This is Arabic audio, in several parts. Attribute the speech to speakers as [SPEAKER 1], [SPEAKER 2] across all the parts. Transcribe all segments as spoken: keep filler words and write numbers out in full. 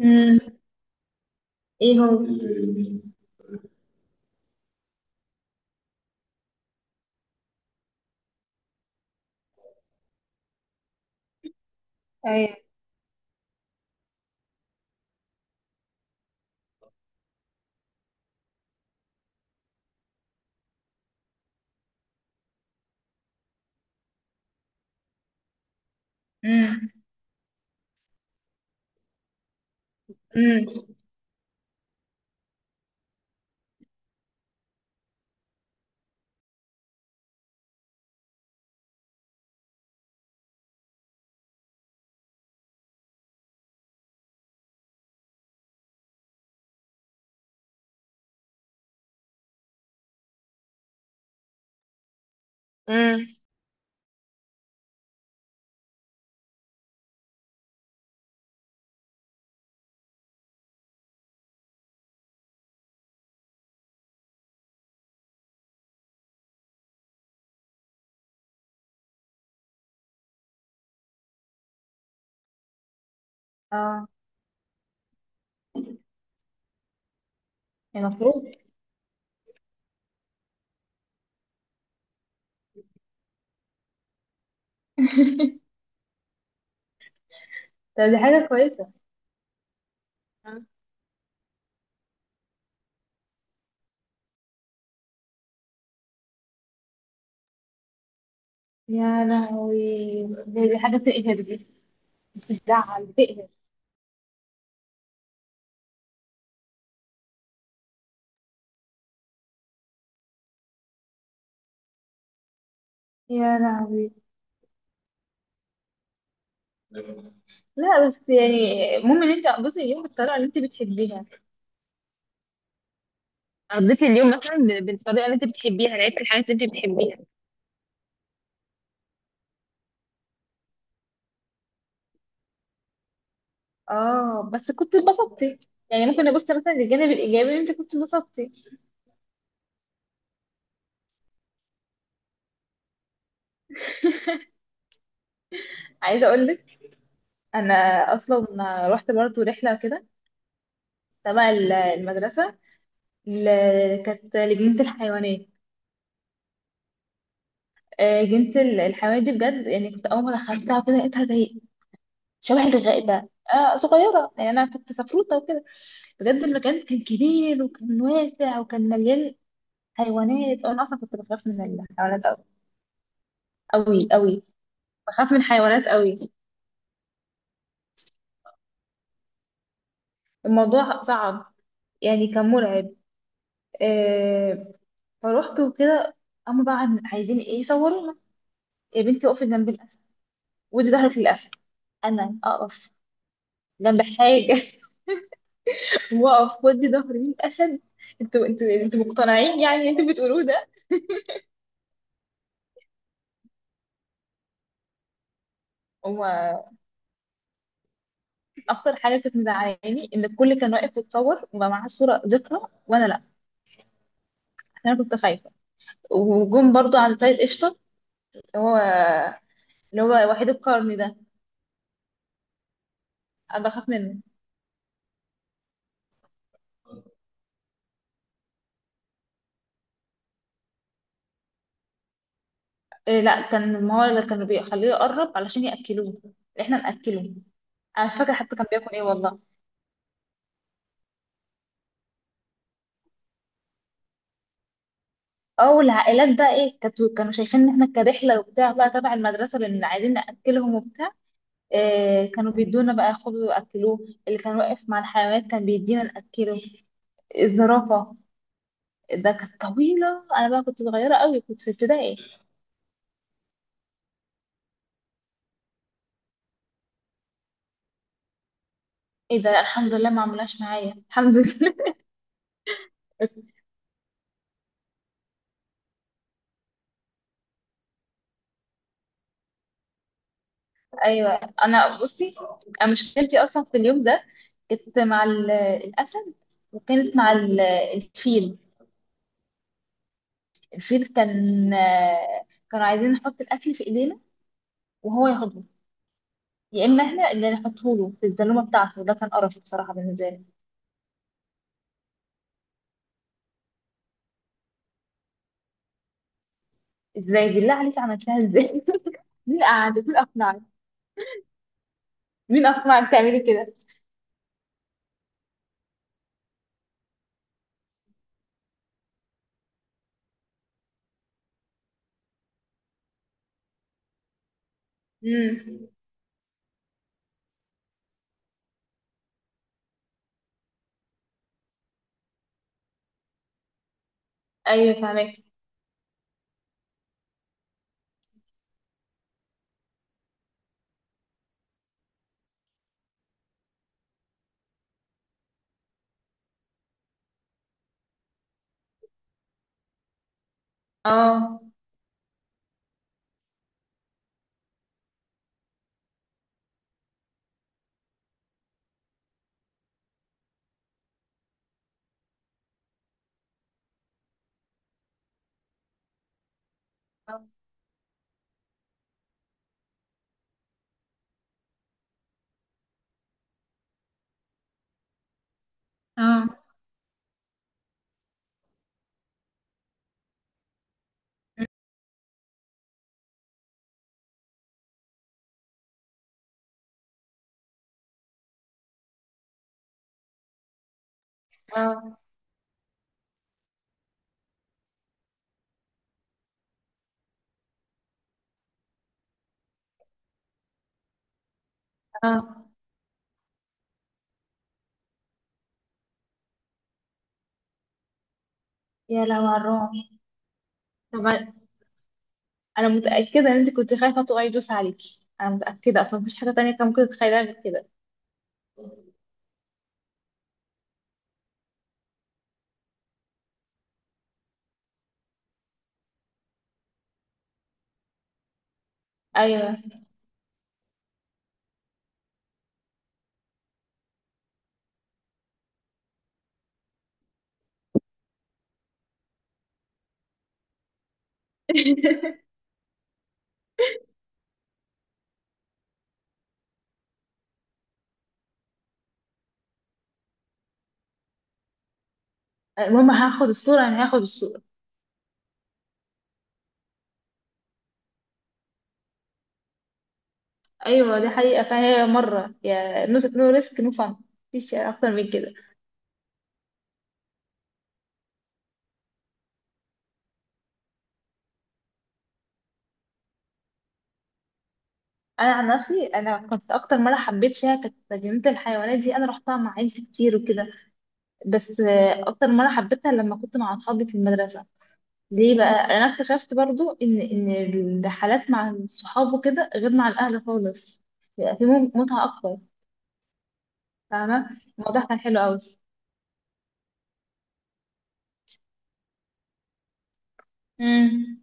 [SPEAKER 1] امم. ايه هو؟ ايوه. امم. امم. امم. اه. المفروض. طب، دي حاجة كويسة. آه. يا لهوي، دي, دي حاجة تقهر دي. بتزعل، بتقهر. يا لهوي، لا بس يعني المهم ان انت قضيتي اليوم بالطريقة اللي انت بتحبيها. قضيتي اليوم مثلا ب- بالطريقه اللي انت بتحبيها، لعبتي الحاجات اللي انت بتحبيها. اه، بس كنت اتبسطتي. يعني ممكن ابص مثلا للجانب الايجابي ان انت كنت اتبسطتي. عايزة اقول لك، انا اصلا رحت برضه رحلة كده تبع ال- المدرسة. ل- كانت لجنة الحيوانات. آه، جنة ال- الحيوانات دي بجد يعني، كنت أول ما دخلتها كده لقيتها زي شبه الغابة. آه صغيرة يعني، أنا كنت سفروتة وكده. بجد المكان كان كبير وكان واسع وكان مليان حيوانات. أنا أصلا كنت بخاف من الحيوانات أوي. أوي أوي، بخاف من الحيوانات أوي. الموضوع صعب، يعني كان مرعب. آه، فروحت وكده. هما بقى عايزين إيه، يصورونا. يا بنتي اقفي جنب الأسد، ودي ظهرك للأسد. أنا أقف جنب حاجة وأقف ودي ظهري للأسد؟ انتوا انتوا انتوا مقتنعين يعني، انتوا بتقولوه ده؟ هما أكتر حاجة كانت مزعلاني إن الكل كان واقف يتصور وما معاه صورة ذكرى، وأنا لأ. عشان أنا كنت خايفة. وجم برضو عند سيد قشطة، اللي هو اللي هو وحيد القرن ده. أنا بخاف منه. إيه، لأ، كان ما هو اللي كانوا بيخليه يقرب علشان يأكلوه. إحنا نأكله. أنا مش فاكرة حتى كان بياكل إيه، والله. اه، والعائلات بقى ايه، كانت- كانوا شايفين ان احنا كرحله وبتاع بقى تبع المدرسه لان عايزين ناكلهم وبتاع. إيه، كانوا بيدونا بقى خبز واكلوه. اللي كان واقف مع الحيوانات كان بيدينا ناكله. الزرافه ده كانت طويله، انا بقى كنت صغيره قوي، كنت في ابتدائي. ايه ده، الحمد لله ما عملهاش معايا، الحمد لله. ايوه. انا بصي، انا مشكلتي اصلا في اليوم ده كنت مع ال- الاسد، وكانت مع ال- الفيل. الفيل كان آه، كانوا عايزين نحط الاكل في ايدينا وهو ياخده، يا اما احنا اللي نحطه له في الزلومه بتاعته. ده كان قرف بصراحه بالنسبه لي. ازاي بالله عليك عملتها ازاي؟ مين قعدك مين اقنعك مين اقنعك تعملي كده؟ امم. ايوه، فاهمك. اه. اه. اه. اه. يا لو على الرعب. طب انا أنا متاكده ان انت كنت خايفه طوع يدوس عليكي، انا متاكده اصلا مفيش حاجه تانية كان ممكن تتخيلها غير كده. ايوه، المهم هاخد الصوره، انا هاخد الصوره. ايوه دي حقيقه، فهي مره يا نو نو ريسك نو فن. مفيش اكتر من كده. انا عن نفسي، انا كنت اكتر مره حبيت فيها كانت جنينه الحيوانات دي، انا رحتها مع عيلتي كتير وكده. بس آه، اكتر مره حبيتها لما كنت مع اصحابي في المدرسه. ليه بقى، انا اكتشفت برضو ان ان الرحلات مع الصحاب وكده غير مع الاهل خالص. بيبقى في مم- متعه اكتر. فاهمه، الموضوع كان حلو قوي. امم.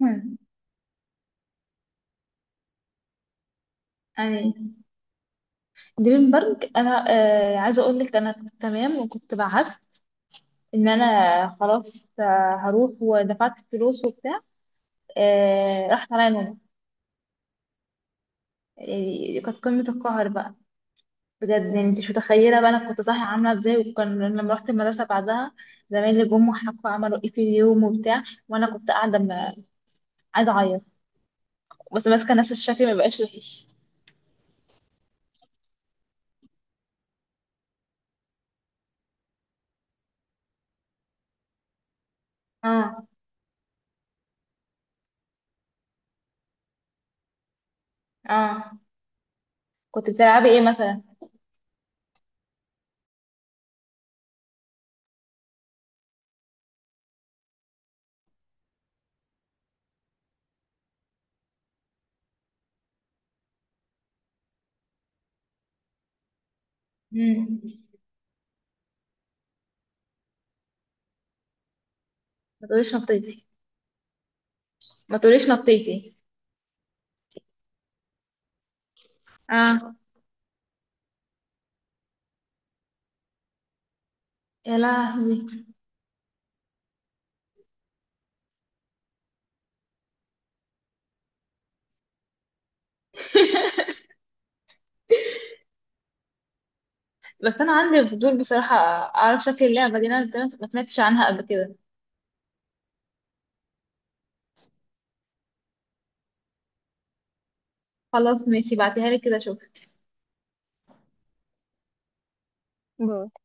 [SPEAKER 1] امم. يعني دريم بارك. انا آه عايزه اقول لك، انا كنت تمام وكنت بعت ان انا خلاص، آه، هروح ودفعت فلوس وبتاع. آه، راحت عليا نومة. يعني كانت قمة القهر بقى، بجد يعني انت مش متخيلة بقى انا كنت صاحية عاملة ازاي. وكان لما رحت المدرسة بعدها زمايلي جم وحكوا عملوا ايه في اليوم وبتاع، وانا كنت قاعدة م- عايزة اعيط بس ماسكة نفس الشكل ما بقاش وحش. اه. اه، كنت بتلعبي ايه مثلا؟ مم. ما تقوليش نطيتي. ما تقوليش نطيتي. اه. يا لهوي. بس انا عندي فضول بصراحة، اعرف شكل اللعبة دي. انا ما سمعتش عنها قبل كده. خلاص، ماشي، بعتيها لي كده اشوف. باي.